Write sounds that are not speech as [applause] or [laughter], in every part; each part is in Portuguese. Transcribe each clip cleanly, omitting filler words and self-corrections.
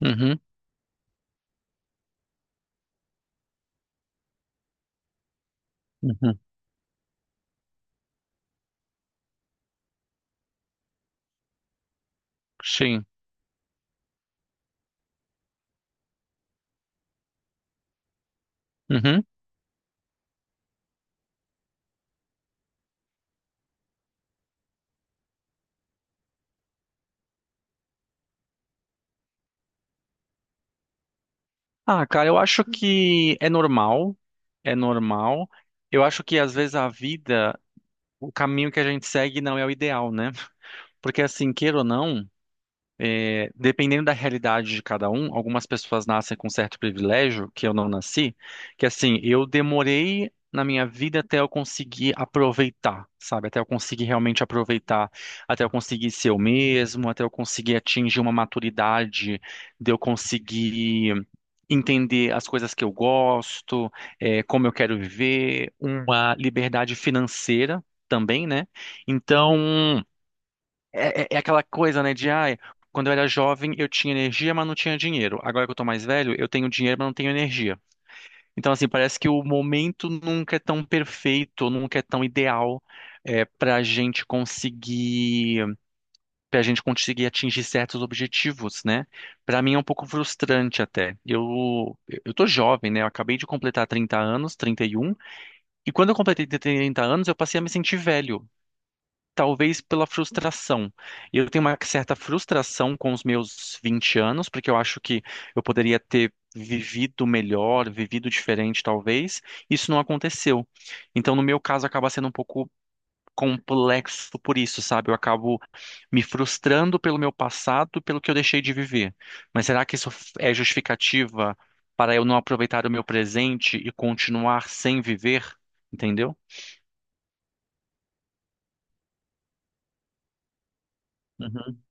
Uhum, uhum, sim. Uhum. Ah, cara, eu acho que é normal, é normal. Eu acho que às vezes a vida, o caminho que a gente segue não é o ideal, né? [laughs] Porque assim, queira ou não. É, dependendo da realidade de cada um, algumas pessoas nascem com certo privilégio, que eu não nasci, que assim, eu demorei na minha vida até eu conseguir aproveitar, sabe? Até eu conseguir realmente aproveitar, até eu conseguir ser eu mesmo, até eu conseguir atingir uma maturidade, de eu conseguir entender as coisas que eu gosto, como eu quero viver, uma liberdade financeira também, né? Então. É aquela coisa, né, de ai, quando eu era jovem eu tinha energia, mas não tinha dinheiro. Agora que eu tô mais velho, eu tenho dinheiro, mas não tenho energia. Então, assim, parece que o momento nunca é tão perfeito, nunca é tão ideal é, para a gente conseguir, para gente conseguir atingir certos objetivos, né? Para mim é um pouco frustrante até. Eu tô jovem, né? Eu acabei de completar 30 anos, 31 e quando eu completei 30 anos, eu passei a me sentir velho. Talvez pela frustração. Eu tenho uma certa frustração com os meus 20 anos, porque eu acho que eu poderia ter vivido melhor, vivido diferente, talvez. Isso não aconteceu. Então, no meu caso, acaba sendo um pouco complexo por isso, sabe? Eu acabo me frustrando pelo meu passado, pelo que eu deixei de viver. Mas será que isso é justificativa para eu não aproveitar o meu presente e continuar sem viver? Entendeu? Uhum,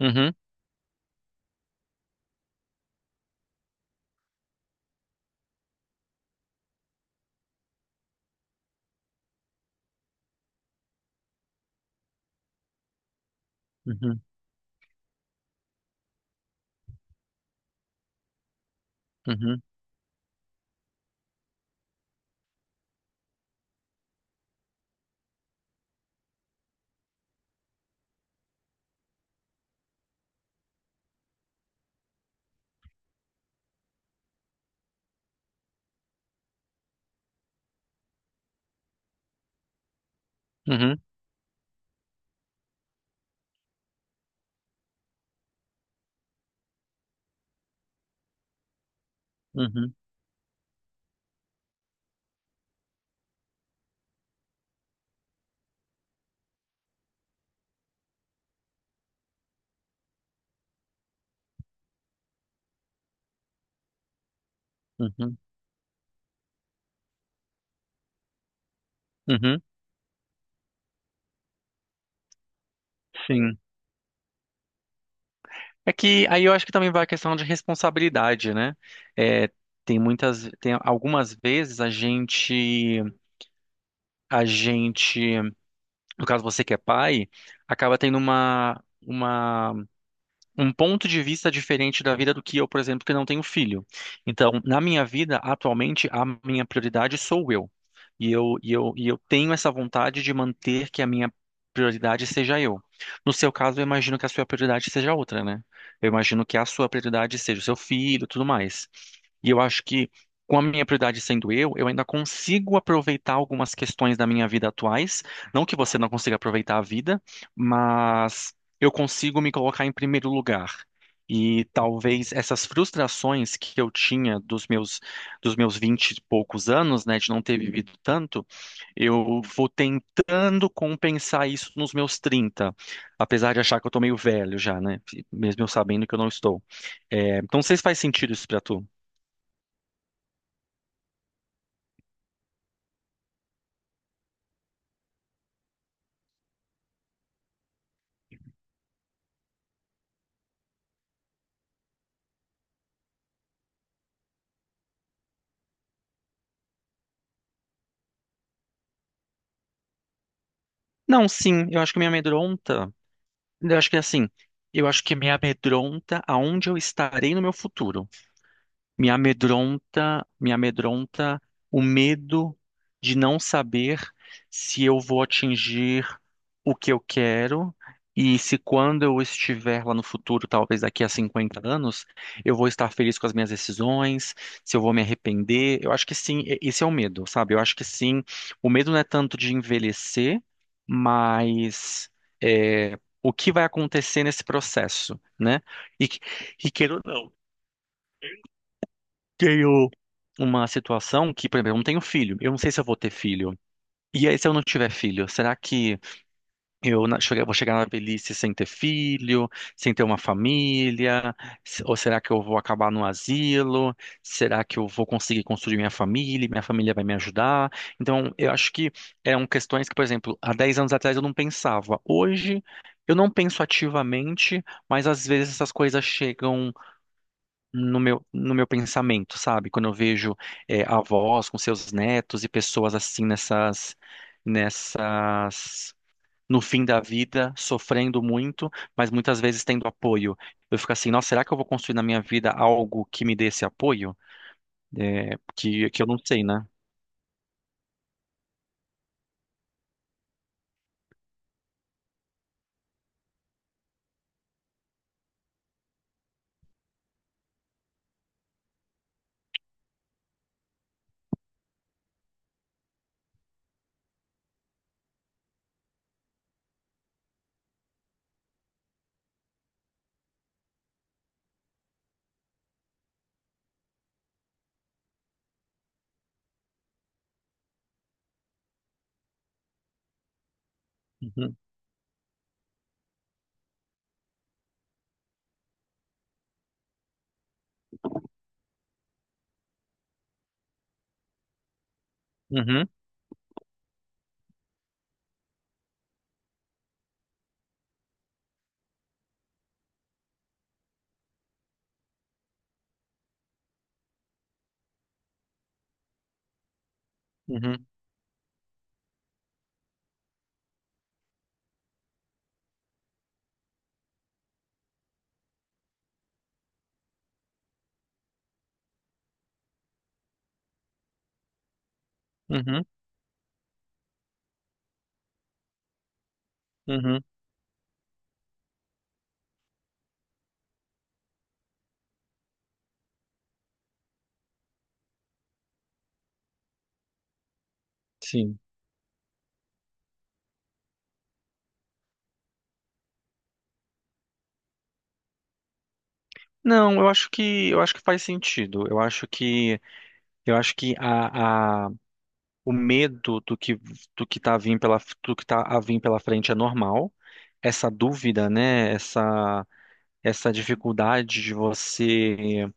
uhum, uhum, uhum, uhum, uhum. Uhum, uhum, sim. É que aí eu acho que também vai a questão de responsabilidade, né? É, tem algumas vezes a gente, no caso você que é pai, acaba tendo uma, um ponto de vista diferente da vida do que eu, por exemplo, que não tenho filho. Então, na minha vida, atualmente, a minha prioridade sou eu. E eu tenho essa vontade de manter que a minha prioridade seja eu. No seu caso, eu imagino que a sua prioridade seja outra, né? Eu imagino que a sua prioridade seja o seu filho, e tudo mais. E eu acho que com a minha prioridade sendo eu ainda consigo aproveitar algumas questões da minha vida atuais. Não que você não consiga aproveitar a vida, mas eu consigo me colocar em primeiro lugar. E talvez essas frustrações que eu tinha dos meus vinte e poucos anos, né, de não ter vivido tanto, eu vou tentando compensar isso nos meus 30, apesar de achar que eu tô meio velho já, né, mesmo eu sabendo que eu não estou. É, então, não sei se faz sentido isso pra tu. Não, sim, eu acho que me amedronta. Eu acho que é assim, eu acho que me amedronta aonde eu estarei no meu futuro. Me amedronta o medo de não saber se eu vou atingir o que eu quero e se quando eu estiver lá no futuro, talvez daqui a 50 anos, eu vou estar feliz com as minhas decisões, se eu vou me arrepender. Eu acho que sim, e- esse é o medo, sabe? Eu acho que sim, o medo não é tanto de envelhecer, mas o que vai acontecer nesse processo, né? E, que- e queira ou não tenho uma situação que, por exemplo, eu não tenho filho. Eu não sei se eu vou ter filho. E aí, se eu não tiver filho, será que eu vou chegar na velhice sem ter filho, sem ter uma família? Ou será que eu vou acabar no asilo? Será que eu vou conseguir construir minha família? Minha família vai me ajudar? Então, eu acho que eram questões que, por exemplo, há 10 anos atrás eu não pensava. Hoje, eu não penso ativamente, mas às vezes essas coisas chegam no meu pensamento, sabe? Quando eu vejo avós com seus netos e pessoas assim nessas, no fim da vida, sofrendo muito, mas muitas vezes tendo apoio. Eu fico assim, nossa, será que eu vou construir na minha vida algo que me dê esse apoio? Que eu não sei, né? Uhum, uhum, uhum, uhum, uhum, sim. Não, eu acho que faz sentido. Eu acho que o medo do que tá a vir pela do que tá a vir pela frente é normal. Essa dúvida, né? Essa dificuldade de você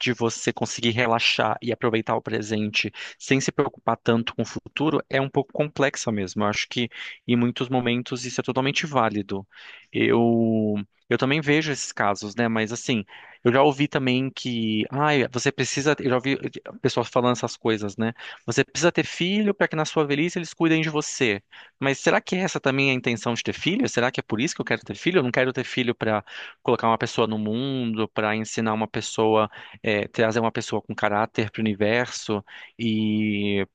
conseguir relaxar e aproveitar o presente sem se preocupar tanto com o futuro é um pouco complexa mesmo. Eu acho que em muitos momentos isso é totalmente válido. Eu eu também vejo esses casos, né? Mas assim, eu já ouvi também que, ai, você precisa, eu já ouvi pessoas falando essas coisas, né? Você precisa ter filho para que na sua velhice eles cuidem de você. Mas será que essa também é a intenção de ter filho? Será que é por isso que eu quero ter filho? Eu não quero ter filho para colocar uma pessoa no mundo, para ensinar uma pessoa trazer uma pessoa com caráter para o universo e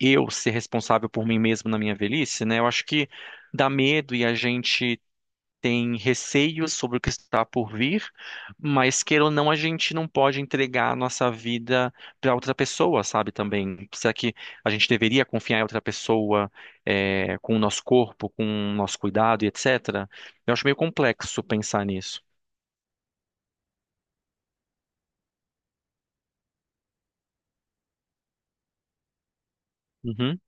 eu ser responsável por mim mesmo na minha velhice, né? Eu acho que dá medo e a gente tem receios sobre o que está por vir, mas queira ou não, a gente não pode entregar a nossa vida para outra pessoa, sabe? Também. Será que a gente deveria confiar em outra pessoa, com o nosso corpo, com o nosso cuidado e etc? Eu acho meio complexo pensar nisso. Uhum.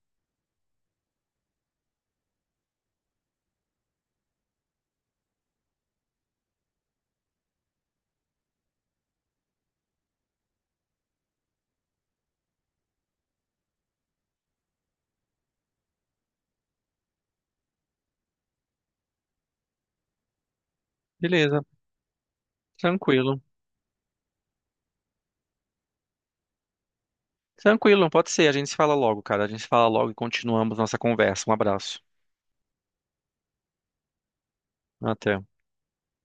Beleza, tranquilo. Tranquilo, pode ser. A gente se fala logo, cara. A gente se fala logo e continuamos nossa conversa. Um abraço. Até.